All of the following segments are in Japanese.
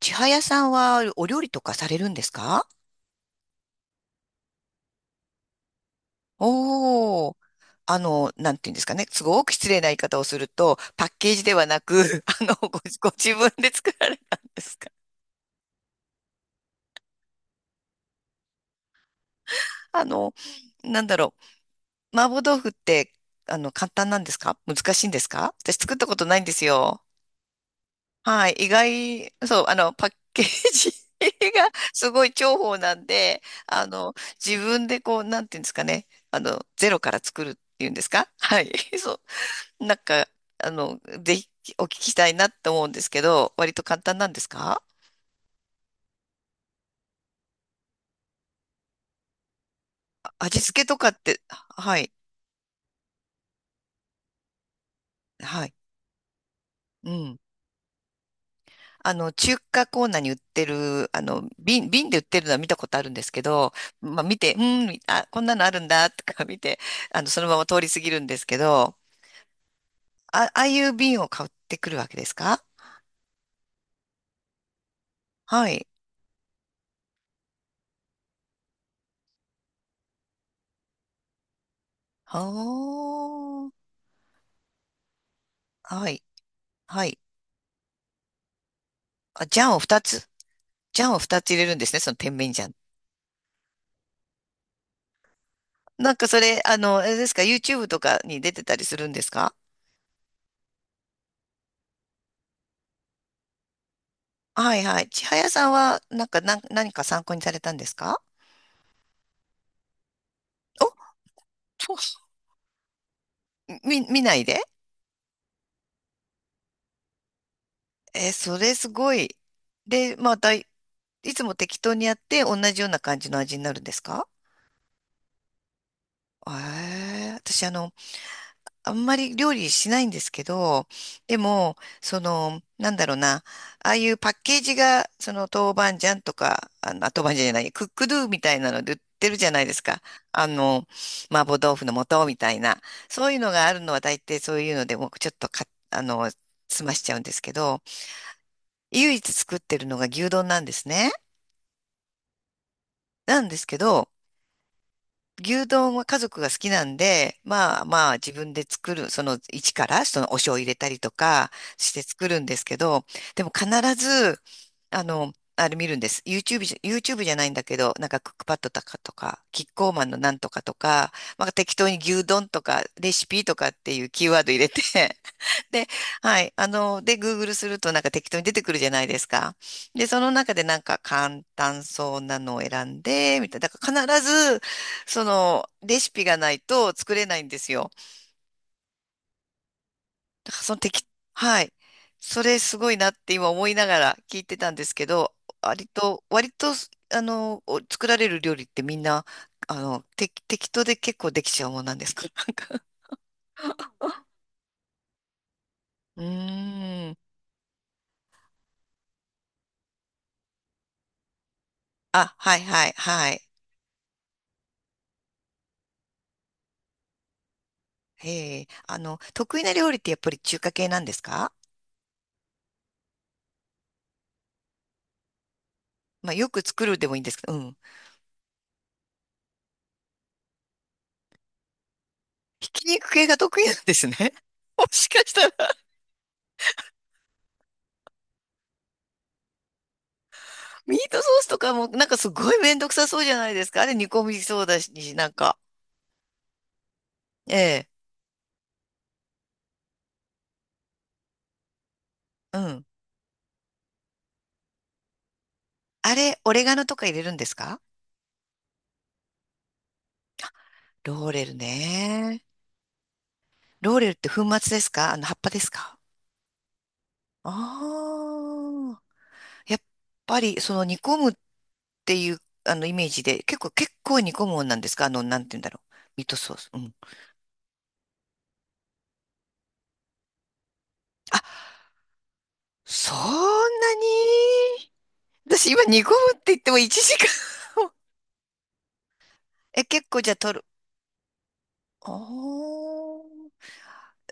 千早さんはお料理とかされるんですか？おー。なんていうんですかね。すごく失礼な言い方をすると、パッケージではなく、ご自分で作られたんですか？あの、なんだろう。麻婆豆腐って、簡単なんですか難しいんですか？私作ったことないんですよ。はい。意外、そう、パッケージ がすごい重宝なんで、あの、自分でこう、なんていうんですかね。ゼロから作るっていうんですか？はい。そう。なんか、ぜひお聞きしたいなって思うんですけど、割と簡単なんですか？味付けとかって、はい、はい、うん。中華コーナーに売ってる、瓶で売ってるのは見たことあるんですけど、まあ見て、うん、あ、こんなのあるんだ、とか見て、そのまま通り過ぎるんですけど、あ、ああいう瓶を買ってくるわけですか？はい。はあ、はい、はい。あ、ジャンを2つ、ジャンを2つ入れるんですね、その甜麺醤。なんかそれ、あの、あれですか、YouTube とかに出てたりするんですか？はいはい。千早さんは、何か参考にされたんですか？お、そう、見ないで？えーそれすごい。で、また、いいつも適当にやって、同じような感じの味になるんですか？えー、私、あんまり料理しないんですけど、でも、その、なんだろうな、ああいうパッケージが、その豆板醤とか、豆板醤じゃない、クックドゥみたいなので売ってるじゃないですか。あの、麻婆豆腐の素みたいな。そういうのがあるのは大抵そういうので、僕ちょっとか、あの、済ましちゃうんですけど、唯一作ってるのが牛丼なんですね。なんですけど、牛丼は家族が好きなんで、まあまあ自分で作る、その一からそのお醤油入れたりとかして作るんですけど、でも必ず、あの、あれ見るんです。YouTube じゃないんだけど、なんかクックパッドとかとか、キッコーマンのなんとかとか、まあ適当に牛丼とかレシピとかっていうキーワード入れて、で、はい。で、Google するとなんか適当に出てくるじゃないですか。で、その中でなんか簡単そうなのを選んで、みたいな。だから必ず、その、レシピがないと作れないんですよ。だからその適、はい。それすごいなって今思いながら聞いてたんですけど、割と、割と、あの、お作られる料理ってみんな、適当で結構できちゃうもんなんですか？ なんかうーん。あ、はいはいはい。ええ、得意な料理ってやっぱり中華系なんですか？まあ、よく作るでもいいんですけど、うん。ひき肉系が得意なんですね。もしかしたら、ミートソースとかも、なんかすごいめんどくさそうじゃないですか。あれ煮込みそうだし、なんか。ええ、うん。あれ、オレガノとか入れるんですか？ローレルね。ローレルって粉末ですか？あの、葉っぱですか？ああやっぱり、その煮込むっていう、イメージで、結構煮込むもんなんですか？あの、なんて言うんだろう。ミートソース。うん。あ、そんなに私今煮込むって言っても1時間。え、結構じゃあ取る。おー。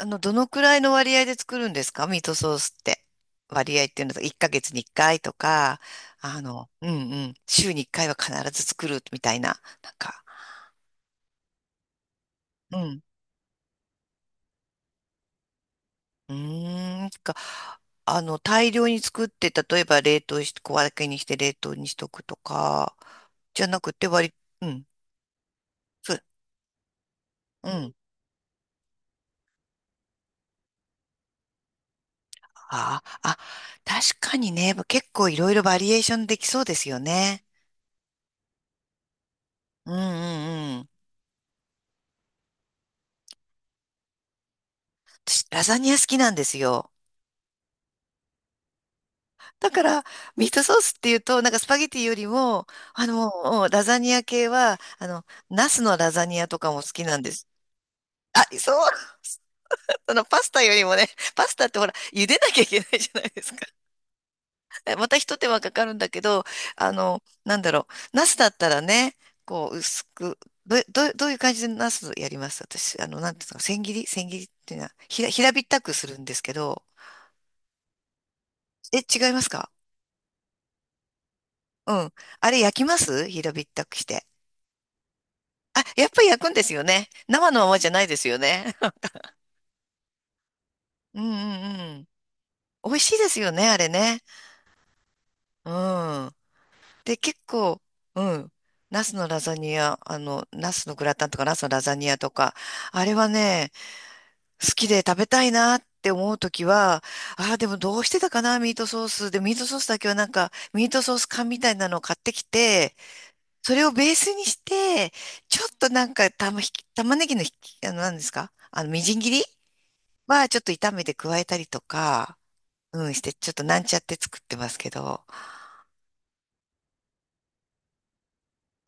どのくらいの割合で作るんですか？ミートソースって。割合っていうのと、1ヶ月に1回とか、週に1回は必ず作るみたいな。なんか、うん。うーん、か、大量に作って、例えば冷凍して、小分けにして冷凍にしとくとか、じゃなくて割り、うん、そう、うん。ああ、あ、確かにね、結構いろいろバリエーションできそうですよね。うんうんうん。私、ラザニア好きなんですよ。だから、ミートソースっていうと、なんかスパゲティよりも、もうラザニア系は、ナスのラザニアとかも好きなんです。あ、そうそのパスタよりもね、パスタってほら、茹でなきゃいけないじゃないですか。また一手間かかるんだけど、ナスだったらね、こう、薄く、どういう感じでナスやります？私、なんていうの、千切りっていうのは、平べったくするんですけど、え、違いますか？うん。あれ焼きます？平べったくして。あ、やっぱり焼くんですよね。生のままじゃないですよね。うんうんうん。美味しいですよね、あれね。うん。で、結構、うん。ナスのラザニア、ナスのグラタンとかナスのラザニアとか、あれはね、好きで食べたいなって思うときは、ああ、でもどうしてたかな、ミートソース。で、ミートソースだけはなんか、ミートソース缶みたいなのを買ってきて、それをベースにして、ちょっとなんか、玉ねぎのひき、何ですか？あの、みじん切りはちょっと炒めて加えたりとか、うん、して、ちょっとなんちゃって作ってますけど。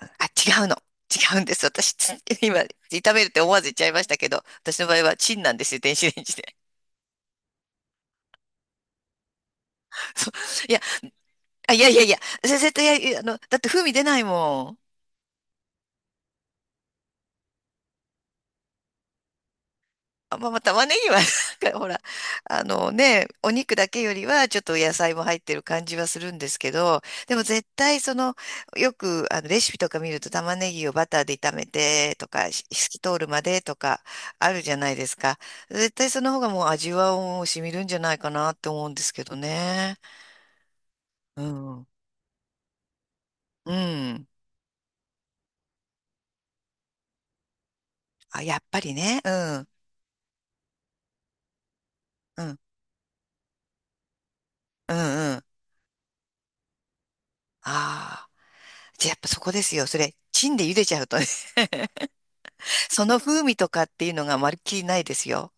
あ、違うの。違うんです。私、 今、炒めるって思わず言っちゃいましたけど、私の場合はチンなんですよ、電子レンジで。そういや、あ、いやいやいや、先生と、いや、いやあの、だって風味出ないもん。あ、まあ、まあ玉ねぎは なんかほら、あのね、お肉だけよりはちょっと野菜も入ってる感じはするんですけど、でも絶対その、よくあのレシピとか見ると玉ねぎをバターで炒めてとか、透き通るまでとかあるじゃないですか。絶対その方がもう味はもう染みるんじゃないかなって思うんですけどね。うん。うん。あ、やっぱりね。うん。うん。うんうん。ああ。じゃあやっぱそこですよ。それ、チンで茹でちゃうとね。その風味とかっていうのがまるっきりないですよ。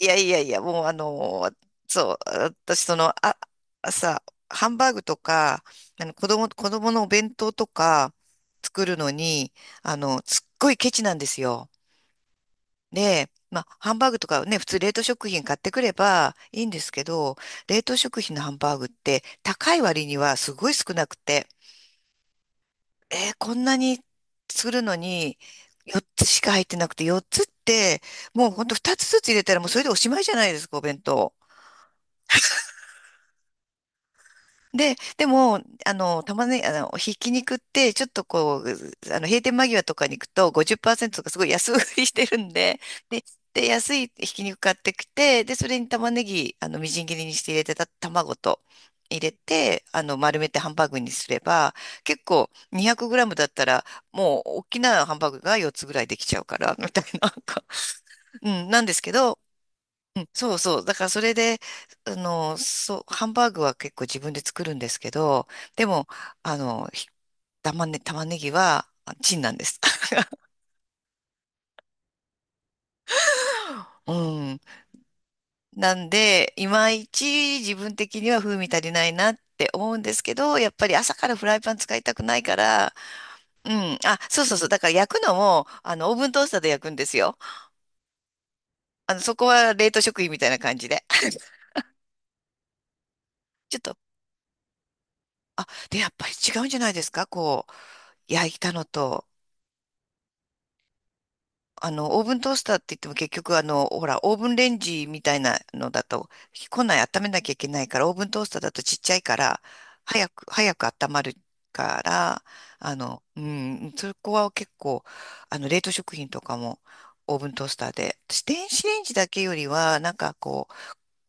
いやいやいや、もうあの、そう、私その、あ、朝、ハンバーグとか、子供のお弁当とか作るのに、すっごいケチなんですよ。で、まあ、ハンバーグとかね、普通冷凍食品買ってくればいいんですけど、冷凍食品のハンバーグって高い割にはすごい少なくて、えーこんなにするのに4つしか入ってなくて、4つって、もうほんと2つずつ入れたらもうそれでおしまいじゃないですか、お弁当。で、でも、あの、玉ね、あの、ひき肉って、ちょっとこう、閉店間際とかに行くと50%とかすごい安売りしてるんで、で、で、安いひき肉買ってきて、で、それに玉ねぎ、みじん切りにして入れてた卵と入れて、丸めてハンバーグにすれば、結構2 0 0ムだったら、もう、大きなハンバーグが4つぐらいできちゃうから、みたいな、なんかうん、なんですけど、うん、そうそう。だからそれで、そう、ハンバーグは結構自分で作るんですけど、でも、あの、ひ玉ねぎはあチンなんです。うん。なんで、いまいち自分的には風味足りないなって思うんですけど、やっぱり朝からフライパン使いたくないから、うん。あ、そうそうそう。だから焼くのも、オーブントースターで焼くんですよ。そこは冷凍食品みたいな感じで。ちょっと、あ、で、やっぱり違うんじゃないですか？こう、焼いたのと。オーブントースターって言っても結局あの、ほら、オーブンレンジみたいなのだと、庫内温めなきゃいけないから、オーブントースターだとちっちゃいから、早く温まるから、そこは結構、冷凍食品とかも、オーブントースターで。私、電子レンジだけよりは、なんかこう、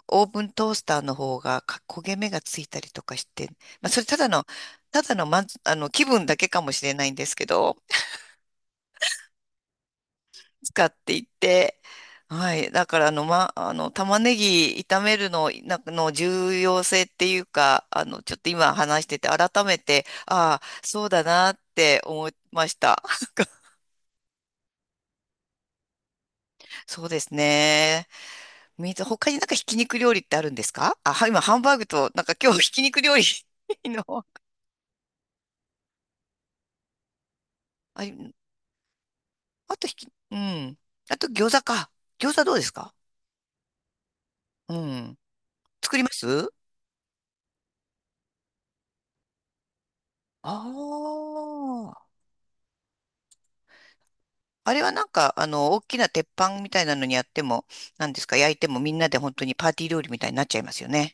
オーブントースターの方が焦げ目がついたりとかして、まあ、それただの、ただの、まんあの、気分だけかもしれないんですけど、使っていて、はい。だから、あの、ま、あの、玉ねぎ炒めるの、なんかの重要性っていうか、ちょっと今話してて、改めて、ああ、そうだなって思いました。そうですね。他になんかひき肉料理ってあるんですか？あ、はい今、ハンバーグと、なんか今日ひき肉料理 の、あ、あとひき、うん。あと餃子か。餃子どうですか？うん。作ります？ああー。あれはなんか、大きな鉄板みたいなのにやっても、なんですか、焼いてもみんなで本当にパーティー料理みたいになっちゃいますよね。